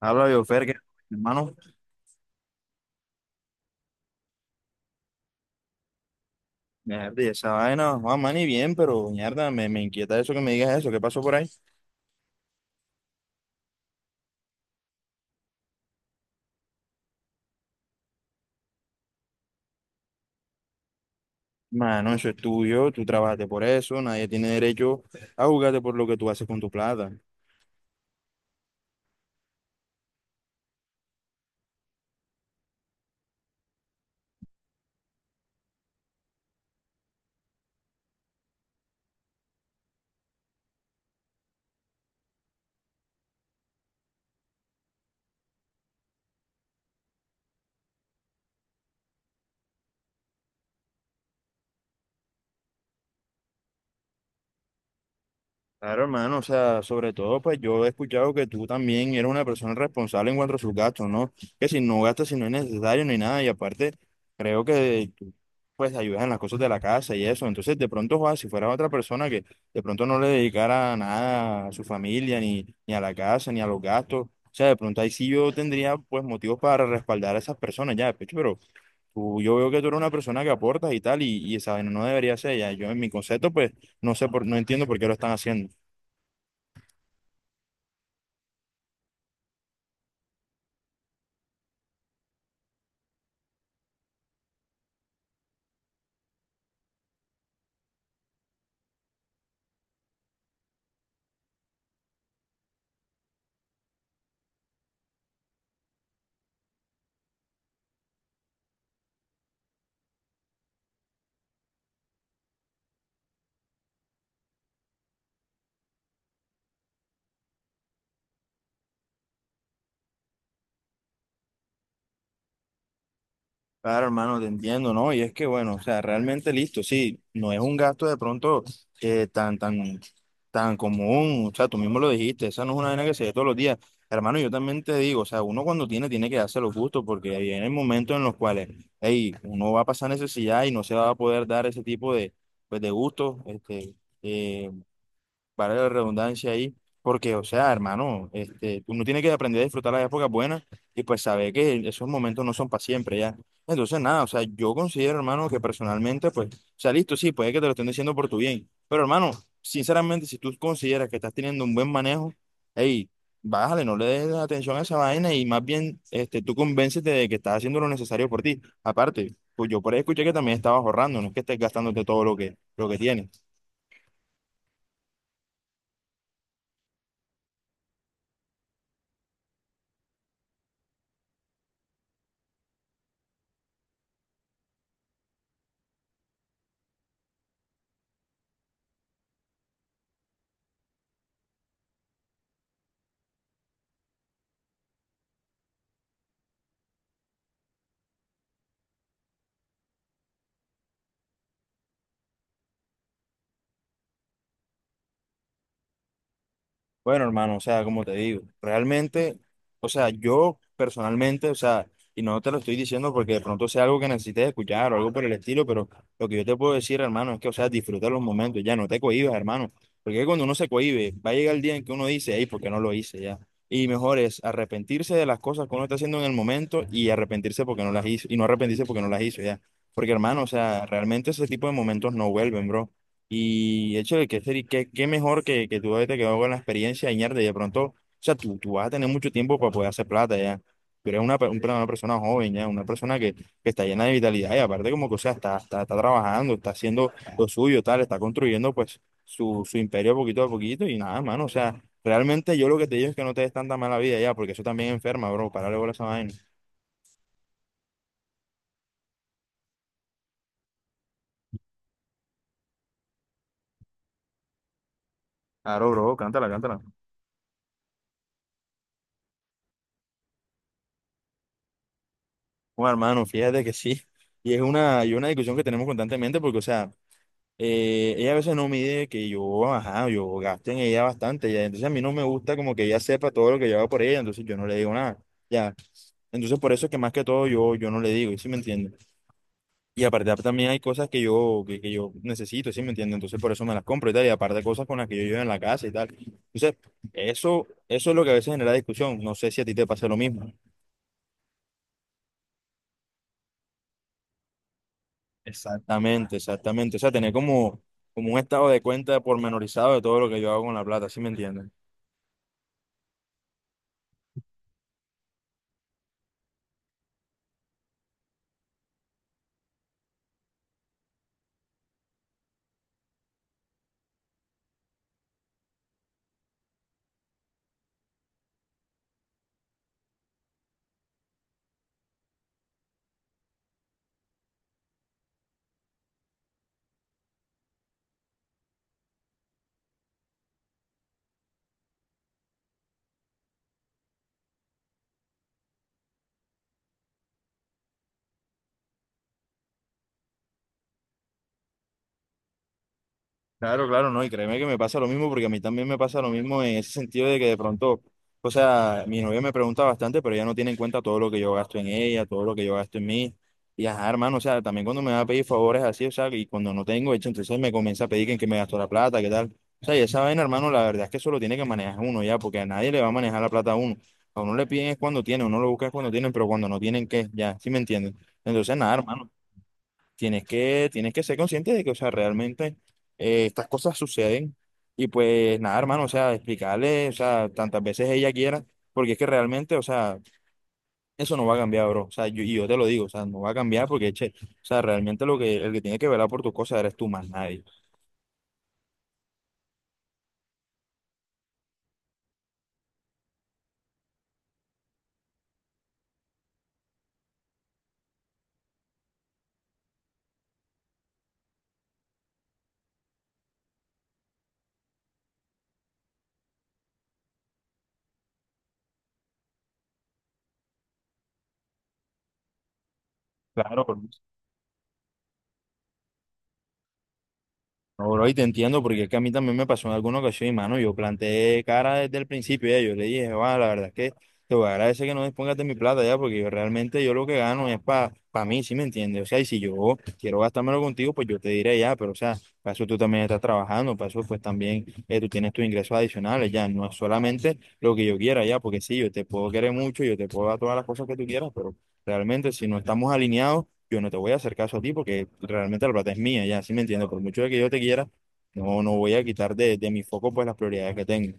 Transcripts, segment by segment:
Habla yo, Fer, que, hermano, mierda, y esa vaina, Juan, man, y bien, pero mierda, me inquieta eso que me digas eso, ¿qué pasó por ahí? Mano, eso es tuyo, tú trabajaste por eso, nadie tiene derecho a juzgarte por lo que tú haces con tu plata. Claro, hermano, o sea, sobre todo, pues yo he escuchado que tú también eres una persona responsable en cuanto a sus gastos, ¿no? Que si no gastas, si no es necesario, ni nada, y aparte, creo que tú, pues ayudas en las cosas de la casa y eso. Entonces, de pronto, Juan, si fueras otra persona que de pronto no le dedicara nada a su familia, ni a la casa, ni a los gastos, o sea, de pronto ahí sí yo tendría, pues, motivos para respaldar a esas personas ya, de pecho, pero tú, yo veo que tú eres una persona que aportas y tal, y esa vaina no debería ser ya. Yo, en mi concepto, pues, no entiendo por qué lo están haciendo. Claro, hermano, te entiendo, ¿no? Y es que, bueno, o sea, realmente listo, sí, no es un gasto de pronto eh, tan, tan, tan común, o sea, tú mismo lo dijiste, esa no es una vaina que se ve todos los días. Hermano, yo también te digo, o sea, uno cuando tiene que darse los gustos, porque vienen momentos en los cuales, hey, uno va a pasar necesidad y no se va a poder dar ese tipo de, pues, de gustos, este, eh vale la redundancia ahí, porque, o sea, hermano, este, uno tiene que aprender a disfrutar las épocas buenas y pues saber que esos momentos no son para siempre ya. Entonces, nada, o sea, yo considero, hermano, que personalmente, pues, o sea, listo, sí, puede que te lo estén diciendo por tu bien, pero, hermano, sinceramente, si tú consideras que estás teniendo un buen manejo, hey, bájale, no le des atención a esa vaina y más bien, este, tú convéncete de que estás haciendo lo necesario por ti. Aparte, pues yo por ahí escuché que también estabas ahorrando, no es que estés gastándote todo lo que tienes. Bueno, hermano, o sea, como te digo, realmente, o sea, yo personalmente, o sea, y no te lo estoy diciendo porque de pronto sea algo que necesites escuchar o algo por el estilo, pero lo que yo te puedo decir, hermano, es que, o sea, disfruta los momentos, ya no te cohibas, hermano, porque cuando uno se cohíbe, va a llegar el día en que uno dice, hey, ¿por qué no lo hice ya? Y mejor es arrepentirse de las cosas que uno está haciendo en el momento y arrepentirse porque no las hizo, y no arrepentirse porque no las hizo ya. Porque, hermano, o sea, realmente ese tipo de momentos no vuelven, bro. Y hecho de que ser, y qué, qué mejor que tú haberte quedado con la experiencia y mierda, de pronto, o sea, tú vas a tener mucho tiempo para poder hacer plata ya. Tú eres una persona joven ya, una persona que está llena de vitalidad y aparte como que, o sea, está trabajando, está haciendo lo suyo, tal, está construyendo pues su imperio poquito a poquito y nada, mano, o sea, realmente yo lo que te digo es que no te des tanta mala vida ya, porque eso también enferma, bro, párale bola a esa vaina. Claro, bro, cántala, cántala. Bueno, hermano, fíjate que sí. Y es una, y una discusión que tenemos constantemente porque, o sea, ella a veces no mide que yo, ajá, yo gasto en ella bastante, ya. Entonces a mí no me gusta como que ella sepa todo lo que yo hago por ella, entonces yo no le digo nada, ya. Entonces por eso es que más que todo yo, yo no le digo, ¿sí me entiende? Y aparte también hay cosas que yo necesito, ¿sí me entiende? Entonces por eso me las compro y tal, y aparte cosas con las que yo llevo en la casa y tal. Entonces, eso es lo que a veces genera discusión. No sé si a ti te pasa lo mismo. Exactamente, exactamente. O sea, como un estado de cuenta pormenorizado de todo lo que yo hago con la plata, ¿sí me entiendes? Claro, claro, no, y créeme que me pasa lo mismo, porque a mí también me pasa lo mismo en ese sentido de que de pronto, o sea, mi novia me pregunta bastante, pero ella no tiene en cuenta todo lo que yo gasto en ella, todo lo que yo gasto en mí, y ajá, hermano, o sea, también cuando me va a pedir favores así, o sea, y cuando no tengo hecho, entonces me comienza a pedir que en qué me gasto la plata, qué tal, o sea, y esa vaina, hermano, la verdad es que eso lo tiene que manejar uno ya, porque a nadie le va a manejar la plata a uno le piden es cuando tiene, uno lo busca es cuando tienen, pero cuando no tienen, ¿qué? Ya, ¿sí me entienden? Entonces, nada, hermano, tienes que ser consciente de que, o sea, realmente estas cosas suceden. Y pues nada, hermano, o sea, explicarle, o sea, tantas veces ella quiera, porque es que realmente, o sea, eso no va a cambiar, bro. O sea, yo, y yo te lo digo, o sea, no va a cambiar porque, che, o sea, realmente lo que, el que tiene que velar por tus cosas eres tú más nadie. Claro, no, bro, y te entiendo, porque es que a mí también me pasó en alguna ocasión, y mano, yo planteé cara desde el principio, ya, yo le dije, va, la verdad es que te voy a agradecer que no dispongas de mi plata ya, porque yo realmente yo lo que gano es para mí, ¿sí me entiendes? O sea, y si yo quiero gastármelo contigo, pues yo te diré ya, pero o sea, para eso tú también estás trabajando, para eso pues también tú tienes tus ingresos adicionales, ya, no es solamente lo que yo quiera ya, porque sí, yo te puedo querer mucho, yo te puedo dar todas las cosas que tú quieras, pero realmente si no estamos alineados, yo no te voy a hacer caso a ti porque realmente la plata es mía, ya, sí me entiendo, por mucho de que yo te quiera, no voy a quitar de mi foco pues las prioridades que tengo.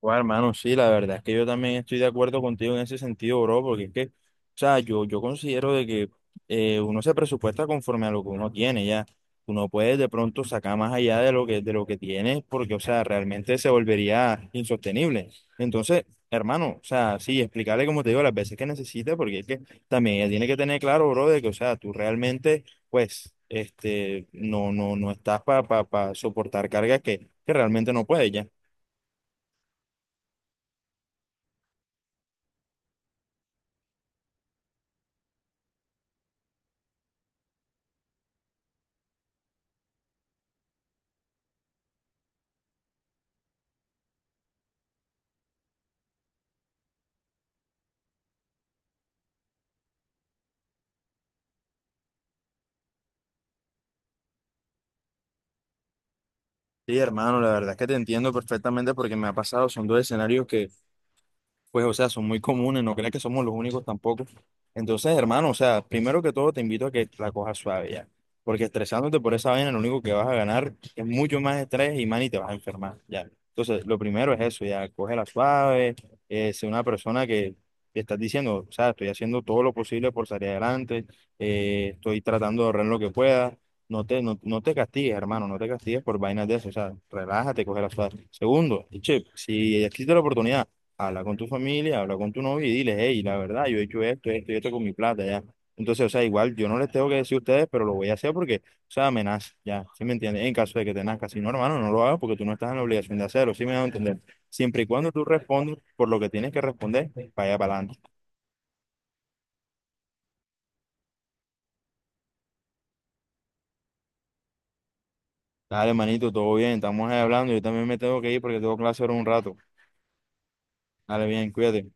Bueno, hermano, sí, la verdad es que yo también estoy de acuerdo contigo en ese sentido, bro, porque es que, o sea, yo considero de que uno se presupuesta conforme a lo que uno tiene, ya. Uno puede de pronto sacar más allá de de lo que tiene, porque, o sea, realmente se volvería insostenible. Entonces, hermano, o sea, sí, explicarle como te digo las veces que necesita, porque es que también ella tiene que tener claro, bro, de que, o sea, tú realmente, pues, este, no estás para soportar cargas que realmente no puedes, ya. Sí, hermano, la verdad es que te entiendo perfectamente porque me ha pasado, son dos escenarios que, pues, o sea, son muy comunes, no creas que somos los únicos tampoco. Entonces, hermano, o sea, primero que todo te invito a que la cojas suave ya, porque estresándote por esa vaina, lo único que vas a ganar es mucho más estrés y, man, y te vas a enfermar, ya. Entonces, lo primero es eso, ya, cógela suave, sé una persona que te estás diciendo, o sea, estoy haciendo todo lo posible por salir adelante, estoy tratando de ahorrar lo que pueda, no te castigues, hermano, no te castigues por vainas de eso, o sea, relájate, cógela suave. Segundo, y che, si existe la oportunidad, habla con tu familia, habla con tu novio y diles, hey, la verdad, yo he hecho esto, esto y esto con mi plata, ya. Entonces, o sea, igual yo no les tengo que decir a ustedes, pero lo voy a hacer porque, o sea, me nace, ya, ¿sí me entiendes? En caso de que te nazca, si no, hermano, no lo hagas porque tú no estás en la obligación de hacerlo, ¿sí me a entender? Siempre y cuando tú respondas por lo que tienes que responder, vaya para adelante. Dale, manito, todo bien, estamos ahí hablando, yo también me tengo que ir porque tengo clase ahora un rato. Dale, bien, cuídate.